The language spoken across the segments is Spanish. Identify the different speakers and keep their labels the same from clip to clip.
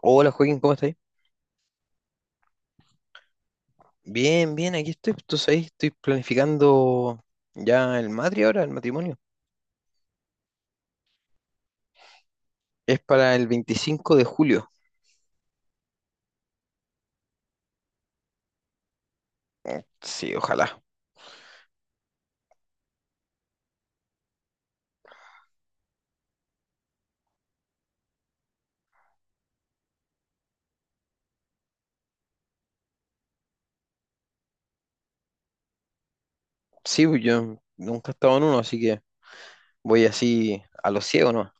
Speaker 1: Hola Joaquín, ¿cómo estáis? Bien, bien, aquí estoy. Tú sabes, estoy planificando ya el matri ahora, el matrimonio. Es para el 25 de julio. Sí, ojalá. Sí, pues yo nunca he estado en uno, así que voy así a lo ciego, ¿no?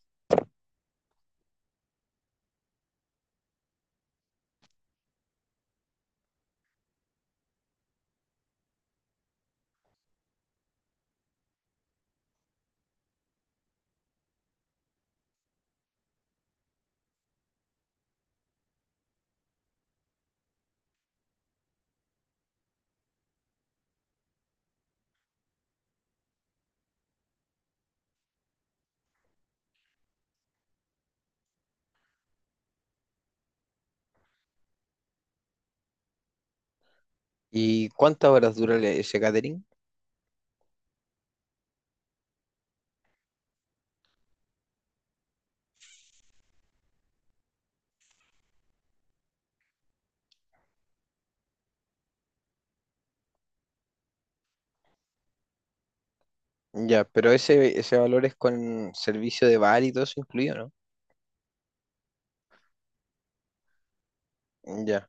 Speaker 1: ¿Y cuántas horas dura ese catering? Ya, pero ese valor es con servicio de bar y todo eso incluido, ¿no? Ya.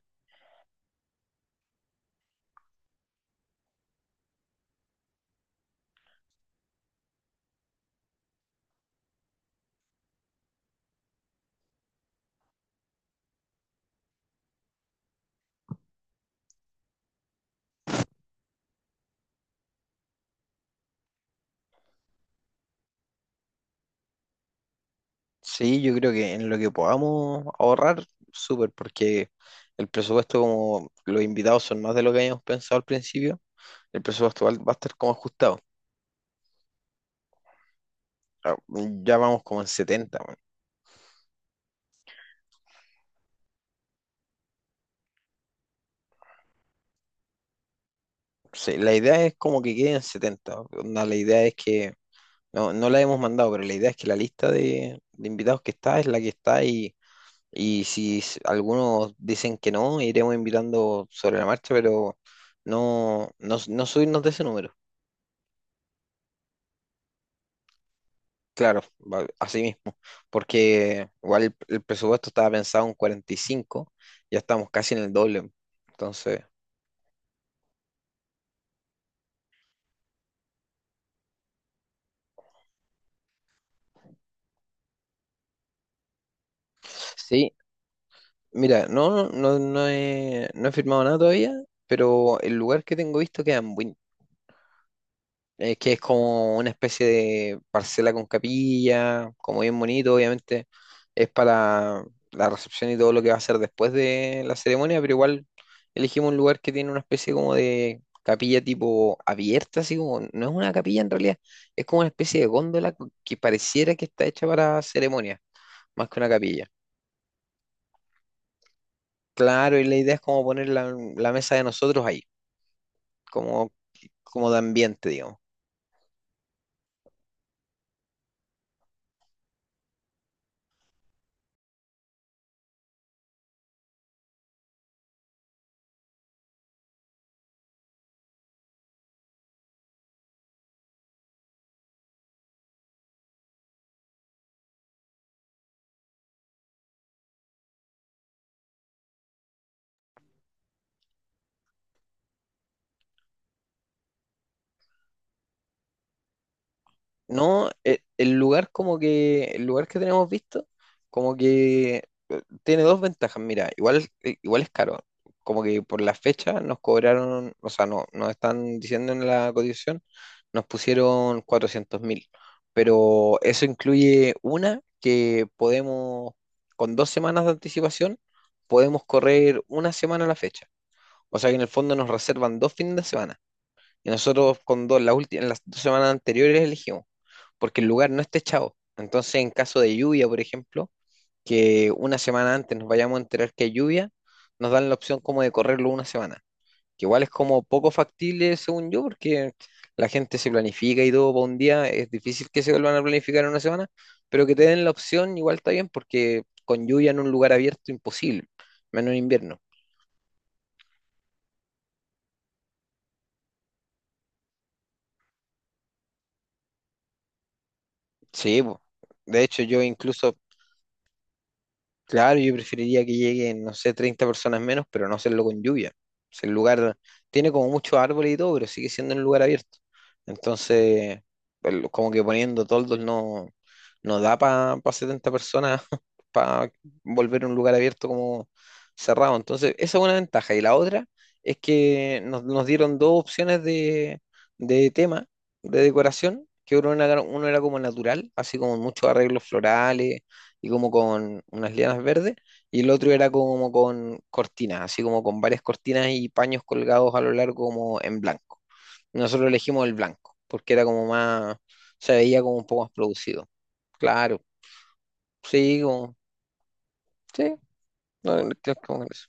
Speaker 1: Sí, yo creo que en lo que podamos ahorrar, súper, porque el presupuesto, como los invitados son más de lo que habíamos pensado al principio. El presupuesto va a estar como ajustado. Ah, ya vamos como en 70 weón. Sí, la idea es como que quede en 70. Onda, la idea es que, no, no la hemos mandado, pero la idea es que la lista de invitados que está es la que está, y si algunos dicen que no, iremos invitando sobre la marcha, pero no subirnos de ese número. Claro, así mismo, porque igual el presupuesto estaba pensado en 45, ya estamos casi en el doble. Entonces... Sí, mira, no he, no he firmado nada todavía, pero el lugar que tengo visto queda en Buin, que es como una especie de parcela con capilla, como bien bonito. Obviamente es para la recepción y todo lo que va a ser después de la ceremonia, pero igual elegimos un lugar que tiene una especie como de capilla tipo abierta, así como, no es una capilla en realidad, es como una especie de góndola que pareciera que está hecha para ceremonia, más que una capilla. Claro, y la idea es como poner la mesa de nosotros ahí. Como, como de ambiente, digamos. No, el lugar como que, el lugar que tenemos visto, como que tiene dos ventajas, mira, igual, igual es caro, como que por la fecha nos cobraron, o sea, no, nos están diciendo en la cotización, nos pusieron 400.000, pero eso incluye una que podemos, con dos semanas de anticipación, podemos correr una semana a la fecha, o sea que en el fondo nos reservan dos fines de semana. Y nosotros con dos, la última, en las dos semanas anteriores elegimos, porque el lugar no está echado. Entonces, en caso de lluvia, por ejemplo, que una semana antes nos vayamos a enterar que hay lluvia, nos dan la opción como de correrlo una semana, que igual es como poco factible, según yo, porque la gente se planifica y todo para un día, es difícil que se vuelvan a planificar en una semana, pero que te den la opción igual está bien, porque con lluvia en un lugar abierto, imposible, menos en invierno. Sí, po. De hecho, yo incluso, claro, yo preferiría que lleguen, no sé, 30 personas menos, pero no hacerlo con lluvia. O el lugar tiene como muchos árboles y todo, pero sigue siendo un lugar abierto. Entonces, como que poniendo toldos no, no da para 70 personas para volver un lugar abierto como cerrado. Entonces, esa es una ventaja. Y la otra es que nos dieron dos opciones de tema, de decoración, que uno era como natural, así como muchos arreglos florales y como con unas lianas verdes, y el otro era como con cortinas, así como con varias cortinas y paños colgados a lo largo como en blanco. Nosotros elegimos el blanco, porque era como más, se veía como un poco más producido. Claro, sí, como, sí, no, no, no, como eso.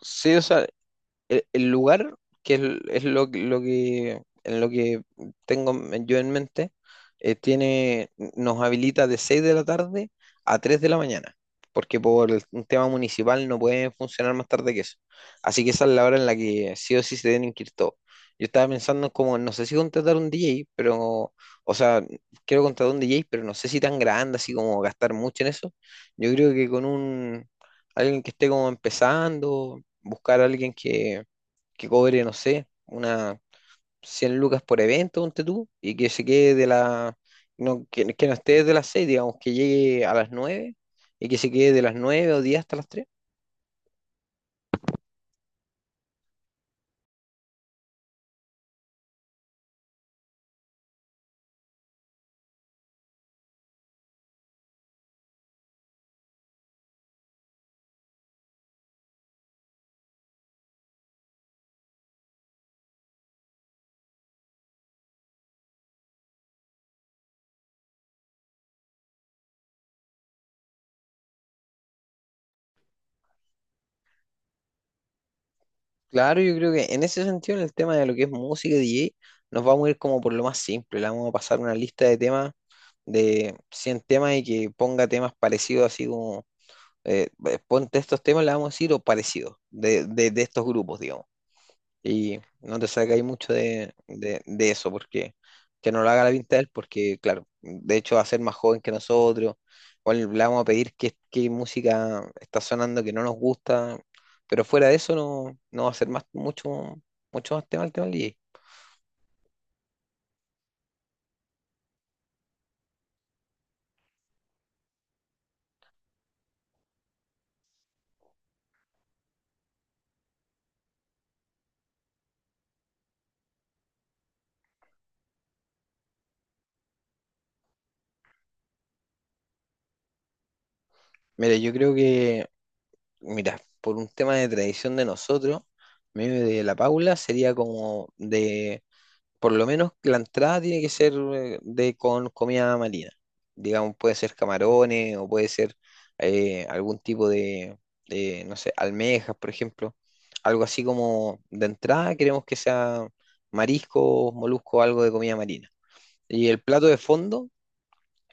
Speaker 1: Sí, o sea, el lugar, que es, es lo que, en lo que tengo yo en mente, tiene, nos habilita de 6 de la tarde a 3 de la mañana, porque por un tema municipal no pueden funcionar más tarde que eso. Así que esa es la hora en la que sí o sí se deben inscribir todos. Yo estaba pensando como, no sé si contratar un DJ, pero, o sea, quiero contratar un DJ, pero no sé si tan grande, así como gastar mucho en eso. Yo creo que con un, alguien que esté como empezando, buscar a alguien que cobre, no sé, unas 100 lucas por evento, ponte tú, y que se quede de la, no, que no esté desde las 6 digamos, que llegue a las 9 y que se quede de las 9 o 10 hasta las 3. Claro, yo creo que en ese sentido, en el tema de lo que es música y DJ, nos vamos a ir como por lo más simple, le vamos a pasar una lista de temas, de 100 temas y que ponga temas parecidos, así como, ponte estos temas, le vamos a decir, o parecidos, de de estos grupos, digamos. Y no te sacáis mucho de eso, porque que no lo haga la pinta de él, porque claro, de hecho va a ser más joven que nosotros, o le vamos a pedir qué música está sonando que no nos gusta, pero fuera de eso no, no va a ser mucho, mucho más tema el tema del DJ. Mira, yo creo que, mira, por un tema de tradición de nosotros, medio de la Paula sería como de, por lo menos la entrada tiene que ser de con comida marina. Digamos, puede ser camarones o puede ser algún tipo de, no sé, almejas, por ejemplo. Algo así como de entrada queremos que sea marisco, molusco, algo de comida marina. Y el plato de fondo,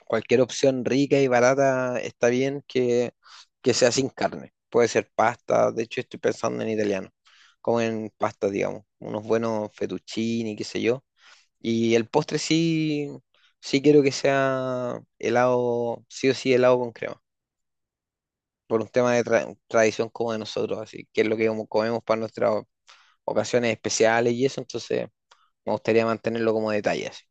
Speaker 1: cualquier opción rica y barata está bien, que sea sin carne. Puede ser pasta, de hecho estoy pensando en italiano, como en pasta, digamos, unos buenos fettuccini, qué sé yo, y el postre sí, sí quiero que sea helado, sí o sí helado con crema, por un tema de tradición como de nosotros, así que es lo que como comemos para nuestras ocasiones especiales y eso, entonces me gustaría mantenerlo como detalle, así.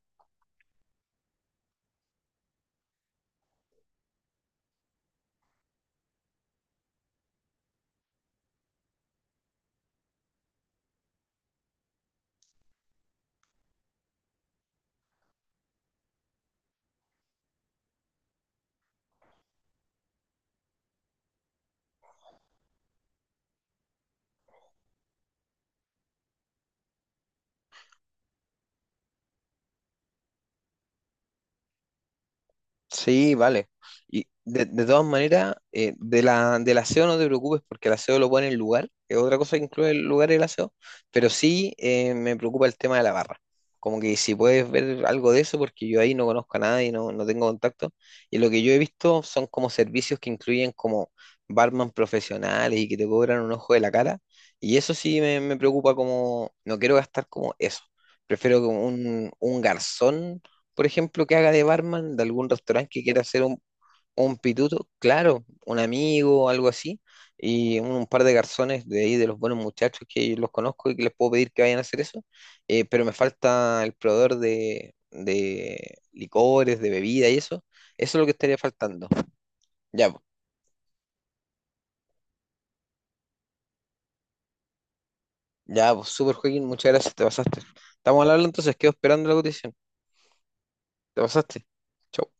Speaker 1: Sí, vale. Y de todas maneras, de del aseo no te preocupes porque el aseo lo pone en lugar, que es otra cosa que incluye el lugar y el aseo, pero sí me preocupa el tema de la barra. Como que si puedes ver algo de eso, porque yo ahí no conozco a nadie, no, no tengo contacto. Y lo que yo he visto son como servicios que incluyen como barman profesionales y que te cobran un ojo de la cara. Y eso sí me preocupa como, no quiero gastar como eso. Prefiero como un garzón por ejemplo, que haga de barman de algún restaurante que quiera hacer un pituto, claro, un amigo, algo así, y un par de garzones de ahí, de los buenos muchachos que los conozco y que les puedo pedir que vayan a hacer eso, pero me falta el proveedor de licores, de bebida y eso es lo que estaría faltando. Ya, po. Ya, pues, super Joaquín, muchas gracias, te pasaste. Estamos al habla entonces, quedo esperando la cotización, te pasaste. Chau.